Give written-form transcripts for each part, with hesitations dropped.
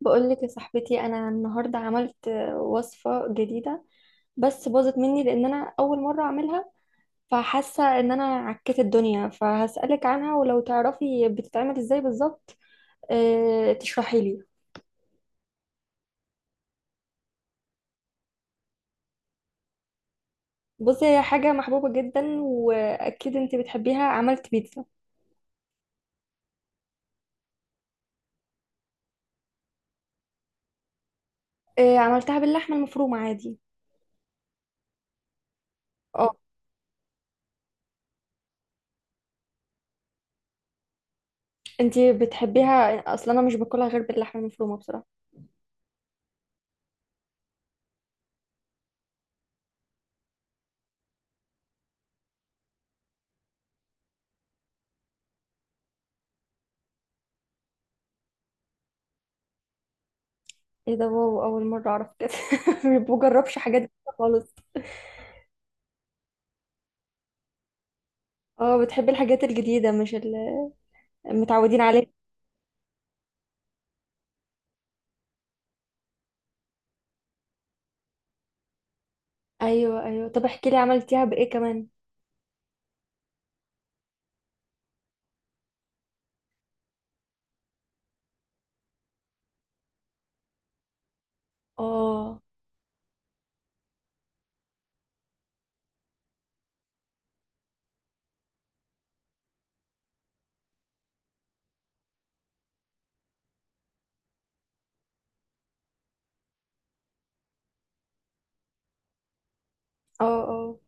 بقولك يا صاحبتي، انا النهارده عملت وصفه جديده. بس باظت مني لان انا اول مره اعملها. فحاسه ان انا عكيت الدنيا، فهسالك عنها، ولو تعرفي بتتعمل ازاي بالظبط. أه، تشرحي لي. بصي، هي حاجه محبوبه جدا واكيد انت بتحبيها. عملت بيتزا. أه، عملتها باللحمه المفرومه عادي. اه، انت بتحبيها اصلا؟ انا مش باكلها غير باللحمه المفرومه بصراحه. ايه ده؟ واو، اول مره اعرف كده. ما بجربش حاجات جديدة خالص. اه، بتحبي الحاجات الجديدة مش المتعودين عليها. ايوه ايوه، طب احكي لي عملتيها بايه كمان. اه اه اه.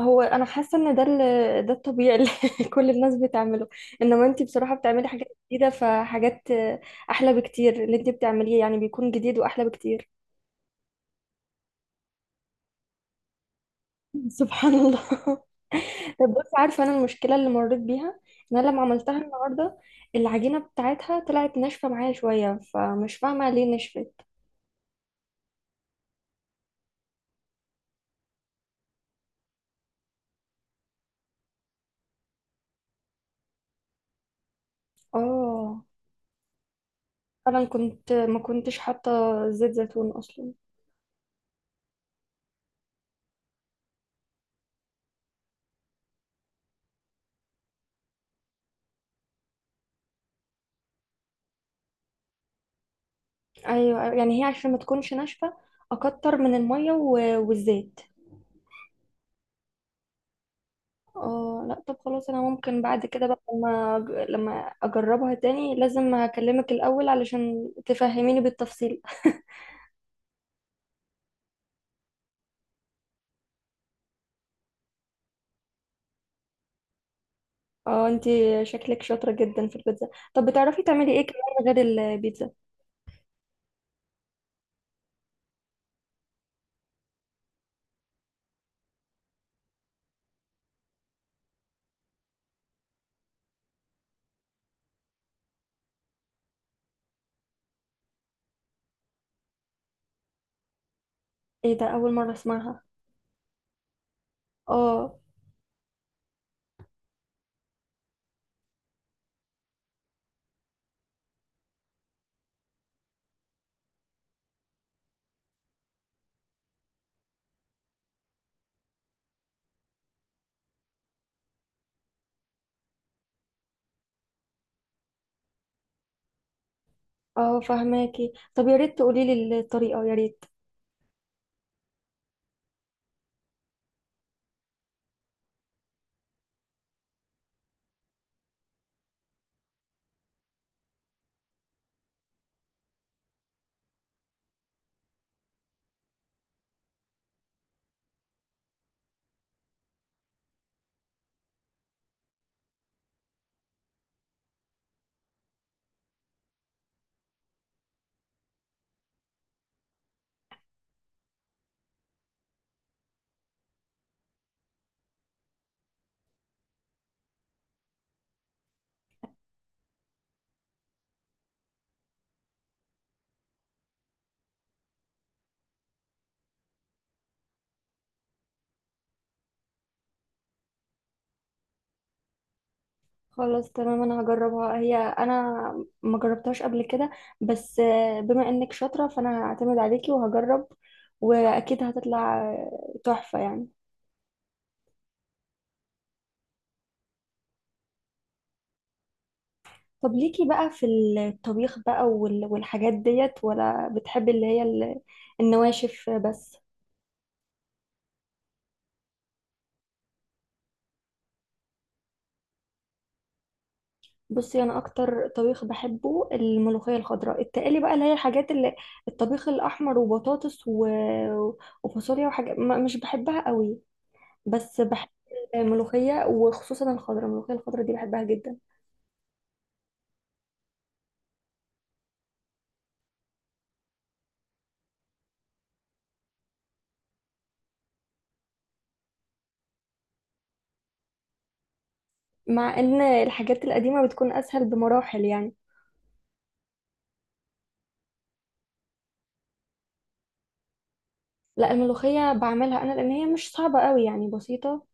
هو انا حاسة ان ده الطبيعي اللي كل الناس بتعمله. انما انتي بصراحة بتعملي حاجات جديدة، فحاجات احلى بكتير. اللي انتي بتعمليه يعني بيكون جديد واحلى بكتير. سبحان الله. طب بصي، عارفة انا المشكلة اللي مريت بيها؟ ان انا لما عملتها النهاردة، العجينة بتاعتها طلعت ناشفة معايا شوية، فمش فاهمة ليه نشفت. اه، انا كنت ما كنتش حاطه زيت زيتون اصلا. ايوه أيوة، يعني هي عشان ما تكونش ناشفه اكتر من الميه والزيت. اه لا، طب خلاص، انا ممكن بعد كده بقى لما لما اجربها تاني لازم هكلمك الاول علشان تفهميني بالتفصيل. اه، انتي شكلك شاطره جدا في البيتزا. طب بتعرفي تعملي ايه كمان غير البيتزا؟ ايه ده؟ اول مره اسمعها. اه اه، فهماكي. طب يا ريت تقولي لي الطريقه، يا ريت. خلاص تمام، انا هجربها. هي انا ما جربتهاش قبل كده. بس بما انك شاطرة، فانا هعتمد عليكي وهجرب، واكيد هتطلع تحفة يعني. طب ليكي بقى في الطبيخ بقى والحاجات ديت؟ ولا بتحبي اللي هي النواشف بس؟ بصي، انا اكتر طبيخ بحبه الملوخية الخضراء. التقلي بقى، اللي هي الحاجات اللي الطبيخ الاحمر وبطاطس وفاصوليا وحاجات مش بحبها قوي. بس بحب الملوخية، وخصوصا الملوخية الخضرة دي بحبها جدا. مع ان الحاجات القديمة بتكون اسهل بمراحل يعني. لا، الملوخية بعملها انا لان هي مش صعبة قوي، يعني بسيطة.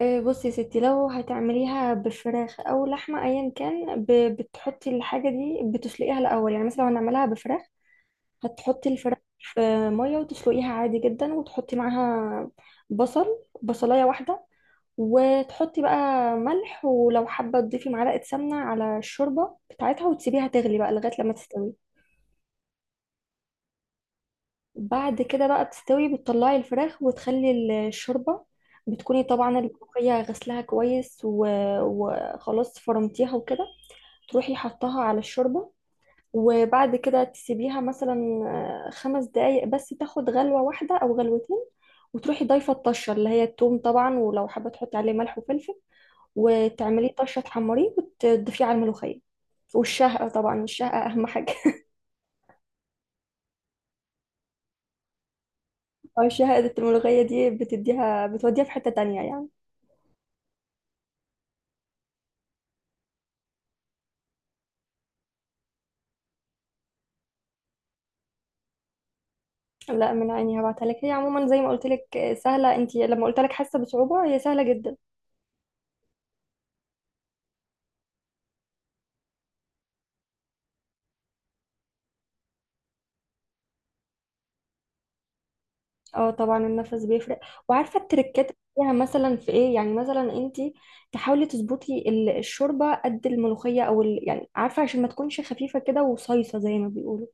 بصي يا ستي، لو هتعمليها بفراخ او لحمة ايا كان، بتحطي الحاجة دي بتسلقيها الاول. يعني مثلا لو هنعملها بفراخ، هتحطي الفراخ في مية وتسلقيها عادي جدا، وتحطي معاها بصل، بصلاية واحدة، وتحطي بقى ملح، ولو حابة تضيفي معلقة سمنة على الشوربة بتاعتها، وتسيبيها تغلي بقى لغاية لما تستوي. بعد كده بقى بتستوي، بتطلعي الفراخ وتخلي الشوربة. بتكوني طبعا الملوخية غسلها كويس وخلاص فرمتيها وكده. تروحي حطها على الشوربة، وبعد كده تسيبيها مثلا 5 دقايق بس، تاخد غلوة واحدة أو غلوتين، وتروحي ضايفة الطشة اللي هي التوم طبعا، ولو حابة تحطي عليه ملح وفلفل، وتعمليه طشه، تحمريه وتضيفيه على الملوخيه. والشهقة طبعا، الشهقة أهم حاجة. أو الشهقة الملوخية دي بتوديها في حتة تانية يعني. لا، من عيني هبعتها لك. هي عموما زي ما قلت لك سهلة. انت لما قلت لك حاسة بصعوبة، هي سهلة جدا. اه طبعا، النفس بيفرق، وعارفة التركات فيها مثلا في ايه؟ يعني مثلا انت تحاولي تظبطي الشوربة قد الملوخية او يعني عارفة، عشان ما تكونش خفيفة كده وصيصة زي ما بيقولوا.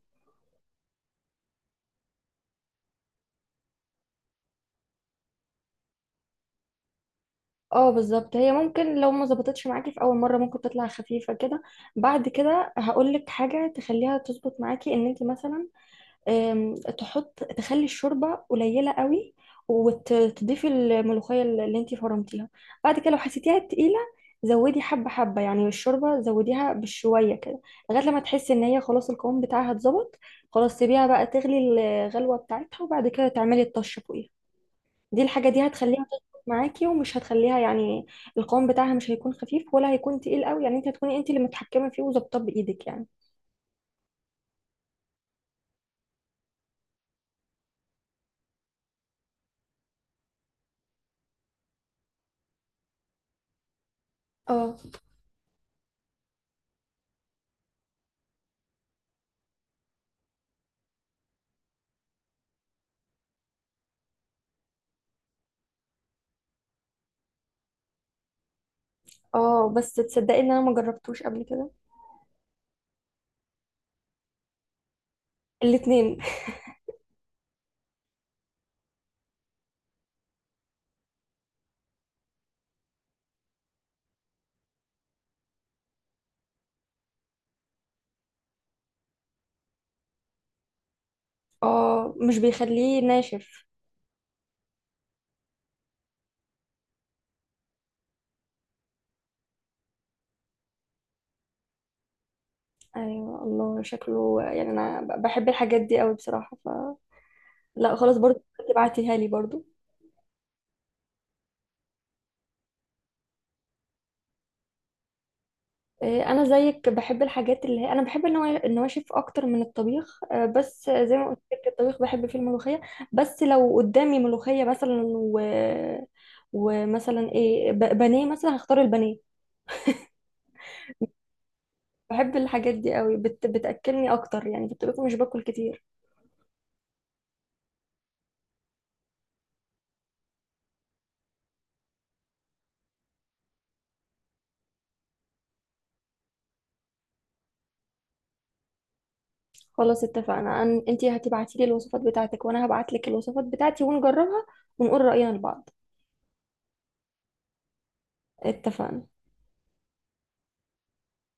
اه بالظبط، هي ممكن لو ما ظبطتش معاكي في اول مره ممكن تطلع خفيفه كده. بعد كده هقول لك حاجه تخليها تظبط معاكي. ان انت مثلا تخلي الشوربه قليله قوي، وتضيفي الملوخيه اللي انت فرمتيها، بعد كده لو حسيتيها تقيله، زودي حبه حبه، يعني الشوربه زوديها بشويه كده، لغايه لما تحسي ان هي خلاص القوام بتاعها اتظبط. خلاص سيبيها بقى تغلي الغلوه بتاعتها، وبعد كده تعملي الطشه فوقيها. الحاجة دي هتخليها تظبط معاكي، ومش هتخليها يعني القوام بتاعها مش هيكون خفيف ولا هيكون تقيل قوي. يعني انت هتكوني انت اللي متحكمة فيه وظابطاه بإيدك يعني. اه اه، بس تصدقي ان انا ما جربتوش قبل كده؟ الاتنين. اه مش بيخليه ناشف؟ ايوه الله، شكله يعني انا بحب الحاجات دي قوي بصراحة. لا خلاص، برضو تبعتيها لي برضو. انا زيك بحب الحاجات اللي هي انا بحب النواشف اكتر من الطبيخ. بس زي ما قلت لك الطبيخ بحب فيه الملوخيه. بس لو قدامي ملوخيه مثلا ومثلا ايه بانيه مثلا، هختار البانيه. بحب الحاجات دي قوي بتاكلني اكتر. يعني في الطبيخ مش باكل كتير. خلاص اتفقنا. انتي هتبعتي لي الوصفات بتاعتك، وانا هبعت لك الوصفات بتاعتي، ونجربها ونقول راينا لبعض. اتفقنا.